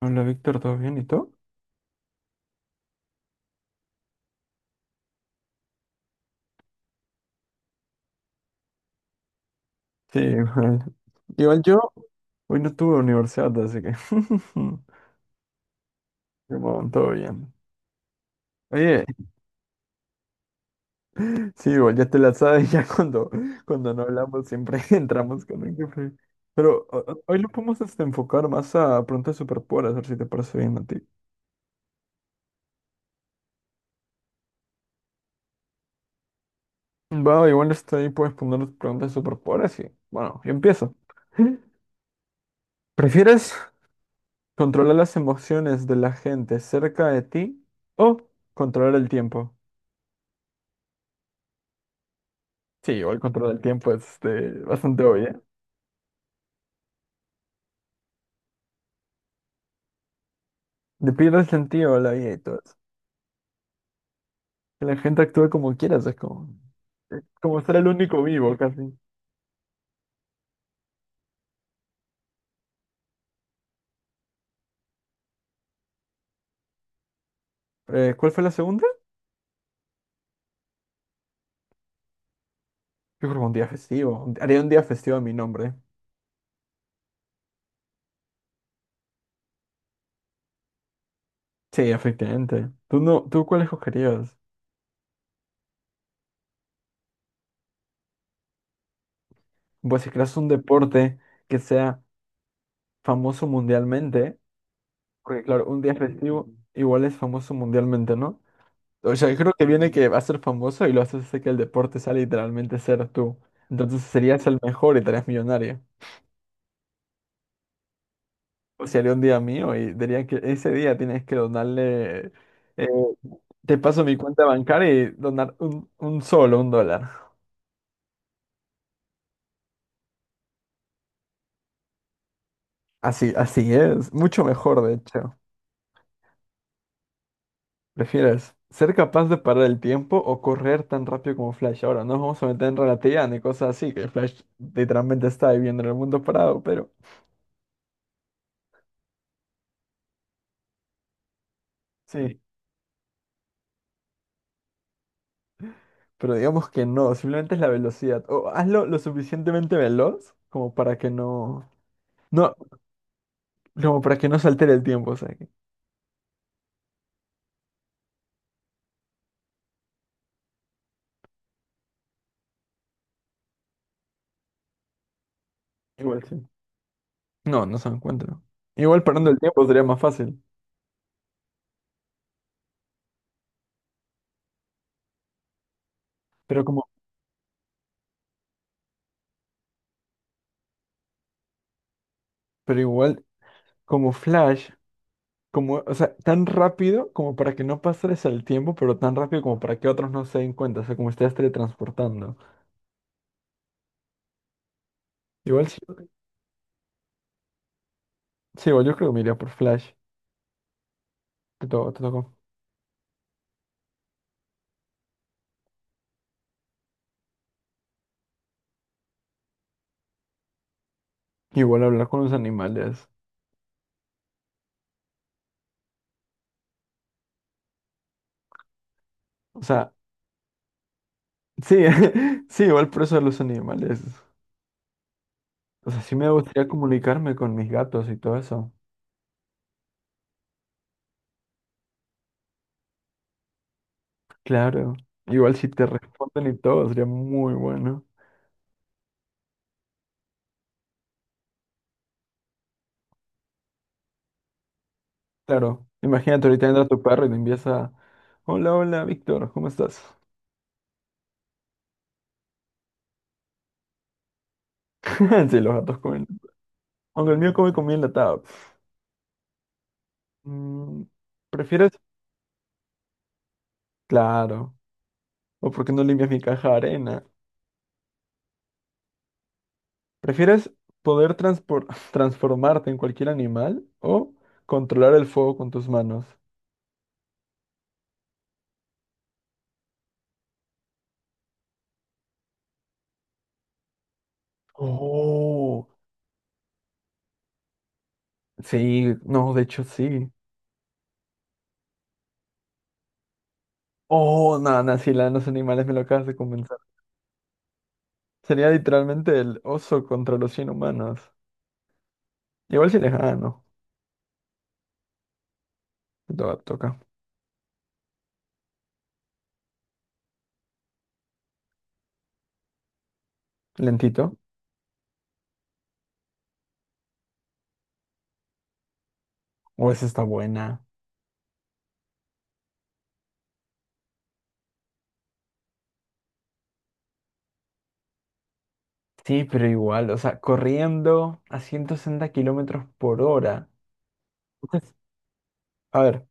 Hola Víctor, ¿todo bien? ¿Y tú? Sí, igual. Igual yo hoy no tuve universidad, así que bueno, todo bien. Oye, sí, igual ya te la sabes, ya cuando no hablamos siempre entramos con el jefe. Pero hoy lo podemos este, enfocar más a preguntas superpoderes, a ver si te parece bien a ti. Va, igual está ahí, puedes poner preguntas superpoderes y bueno, yo empiezo. ¿Prefieres controlar las emociones de la gente cerca de ti o controlar el tiempo? Sí, o el control del tiempo es este, bastante obvio. Le pierde el sentido a la vida y todo eso. Que la gente actúe como quiera, o sea, es como, como ser el único vivo casi. ¿Cuál fue la segunda? Yo creo que un día festivo. Haría un día festivo a mi nombre. Sí, efectivamente. ¿Tú, no, tú cuál escogerías? Pues si creas un deporte que sea famoso mundialmente, porque claro, un día festivo igual es famoso mundialmente, ¿no? O sea, yo creo que viene que va a ser famoso y lo haces hacer que el deporte sea literalmente ser tú. Entonces serías el mejor y estarías millonario. O sea, haría un día mío y diría que ese día tienes que donarle. eh, te paso mi cuenta bancaria y donar un sol o un dólar. Así, así es. Mucho mejor, de hecho. ¿Prefieres ser capaz de parar el tiempo o correr tan rápido como Flash? Ahora, no nos vamos a meter en relatividad ni cosas así, que Flash literalmente está viviendo en el mundo parado, pero sí. Pero digamos que no, simplemente es la velocidad. O hazlo lo suficientemente veloz como para que no. No, como para que no se altere el tiempo, o sea que. Igual sí. No, no se encuentra. Igual parando el tiempo sería más fácil. Pero como. Pero igual, como Flash, como, o sea, tan rápido como para que no pases el tiempo, pero tan rápido como para que otros no se den cuenta. O sea, como estés teletransportando. Igual sí, sí, igual yo creo que me iría por Flash. Te tocó. Igual hablar con los animales. O sea, sí, sí, igual por eso de los animales. O sea, sí me gustaría comunicarme con mis gatos y todo eso. Claro. Igual si te responden y todo, sería muy bueno. Claro. Imagínate, ahorita entra tu perro y te empieza a... Hola, hola, Víctor, ¿cómo estás? Sí, los gatos comen. Aunque el mío come comida enlatada. Mm, ¿prefieres? Claro. ¿O por qué no limpias mi caja de arena? ¿Prefieres poder transformarte en cualquier animal o controlar el fuego con tus manos? Oh, sí, no, de hecho sí. Oh, no, no, sí, la de los animales me lo acabas de convencer. Sería literalmente el oso contra los cien humanos. Igual si les gano. Toca. Lentito. O esa está buena. Sí, pero igual, o sea, corriendo a 160 kilómetros por hora. Entonces, a ver,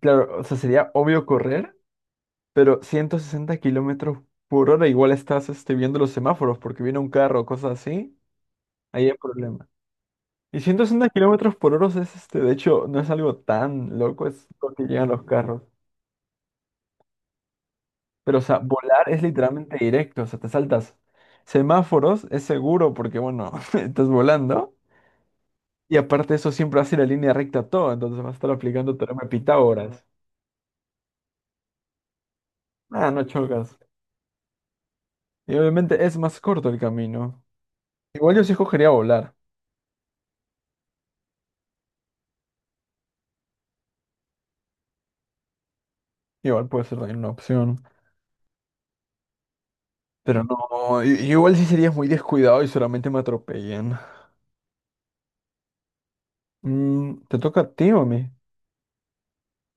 claro, o sea, sería obvio correr, pero 160 kilómetros por hora igual estás este, viendo los semáforos porque viene un carro o cosas así. Ahí hay problema. Y ciento sesenta kilómetros por hora es este, de hecho, no es algo tan loco, es lo que llegan los carros. Pero, o sea, volar es literalmente directo, o sea, te saltas semáforos, es seguro porque, bueno, estás volando. Y aparte eso siempre hace la línea recta todo, entonces vas a estar aplicando teorema de Pitágoras. Ah, no chocas. Y obviamente es más corto el camino. Igual yo sí escogería volar. Igual puede ser también una opción. Pero no, igual sí serías muy descuidado y solamente me atropellan. Mm, ¿te toca a ti o a mí?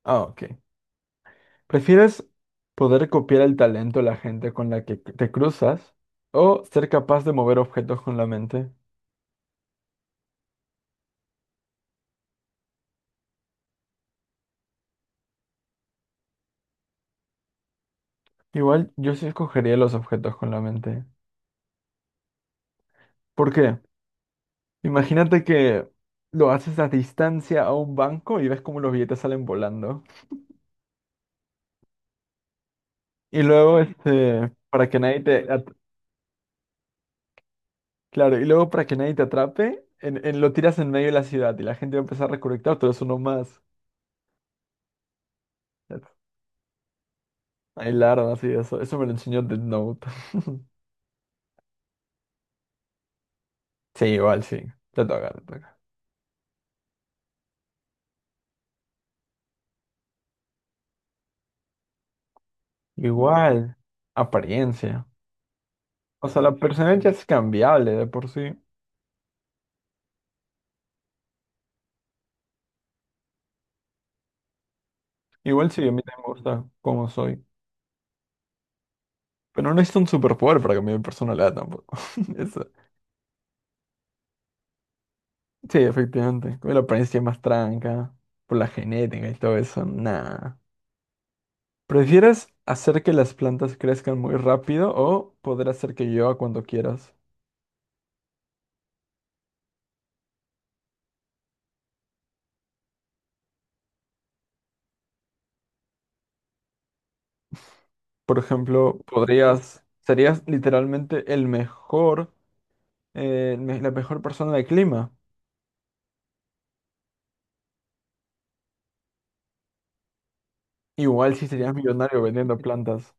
Ah, ok. ¿Prefieres poder copiar el talento de la gente con la que te cruzas o ser capaz de mover objetos con la mente? Igual yo sí escogería los objetos con la mente. ¿Por qué? Imagínate que lo haces a distancia a un banco y ves cómo los billetes salen volando. Y luego, este, para que nadie te... claro, y luego para que nadie te atrape, lo tiras en medio de la ciudad y la gente va a empezar a recolectar, pero eso no más. Hay larvas y eso. Eso me lo enseñó Death Note. Sí, igual sí. Te toca, te toca. Igual, apariencia. O sea, la personalidad ya es cambiable de por sí. Igual sí, a mí también me gusta cómo soy. Pero no es un superpoder para cambiar mi personalidad tampoco. Eso. Sí, efectivamente. Con la apariencia más tranca, por la genética y todo eso, nada. ¿Prefieres hacer que las plantas crezcan muy rápido o poder hacer que llueva cuando quieras? Por ejemplo, podrías, serías literalmente el mejor, la mejor persona del clima. Igual sí serías millonario vendiendo plantas.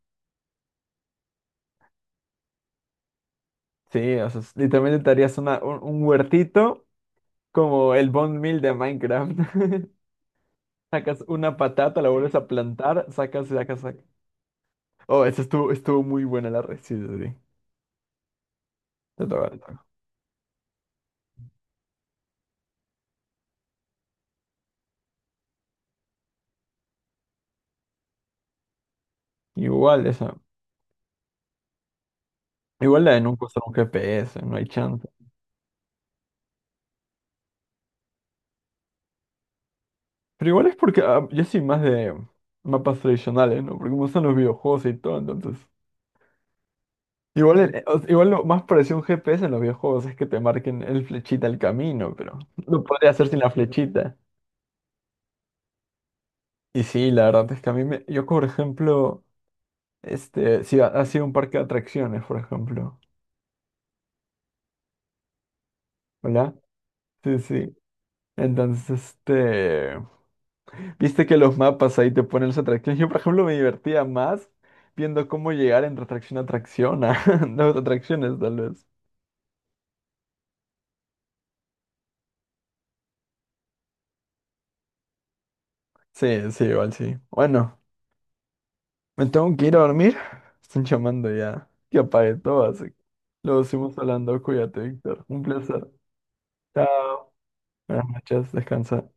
Sí, o sea, literalmente te harías una, un huertito como el bone meal de Minecraft. Sacas una patata, la vuelves a plantar, sacas, sacas, sacas. Oh, esa estuvo, estuvo muy buena la receta, sí. Sí, sí. Te toca, te toca. Igual esa. Igual la de nunca usar un GPS, no hay chance. Pero igual es porque ah, yo soy más de mapas tradicionales, ¿no? Porque me gustan los videojuegos y todo, entonces. Igual, igual lo más parecido a un GPS en los videojuegos es que te marquen el flechita el camino, pero lo podría hacer sin la flechita. Y sí, la verdad es que a mí me... Yo, por ejemplo, este, si ha sido un parque de atracciones, por ejemplo. ¿Hola? Sí, sí. Entonces, este... Viste que los mapas ahí te ponen las atracciones. Yo, por ejemplo, me divertía más viendo cómo llegar entre atracción a atracción, a las atracciones, tal vez. Sí, sí, igual sí. Bueno. Me tengo que ir a dormir. Están llamando ya. Que apague todo, así. Que luego seguimos hablando. Cuídate, Víctor. Un placer. Chao. Buenas noches. Descansa.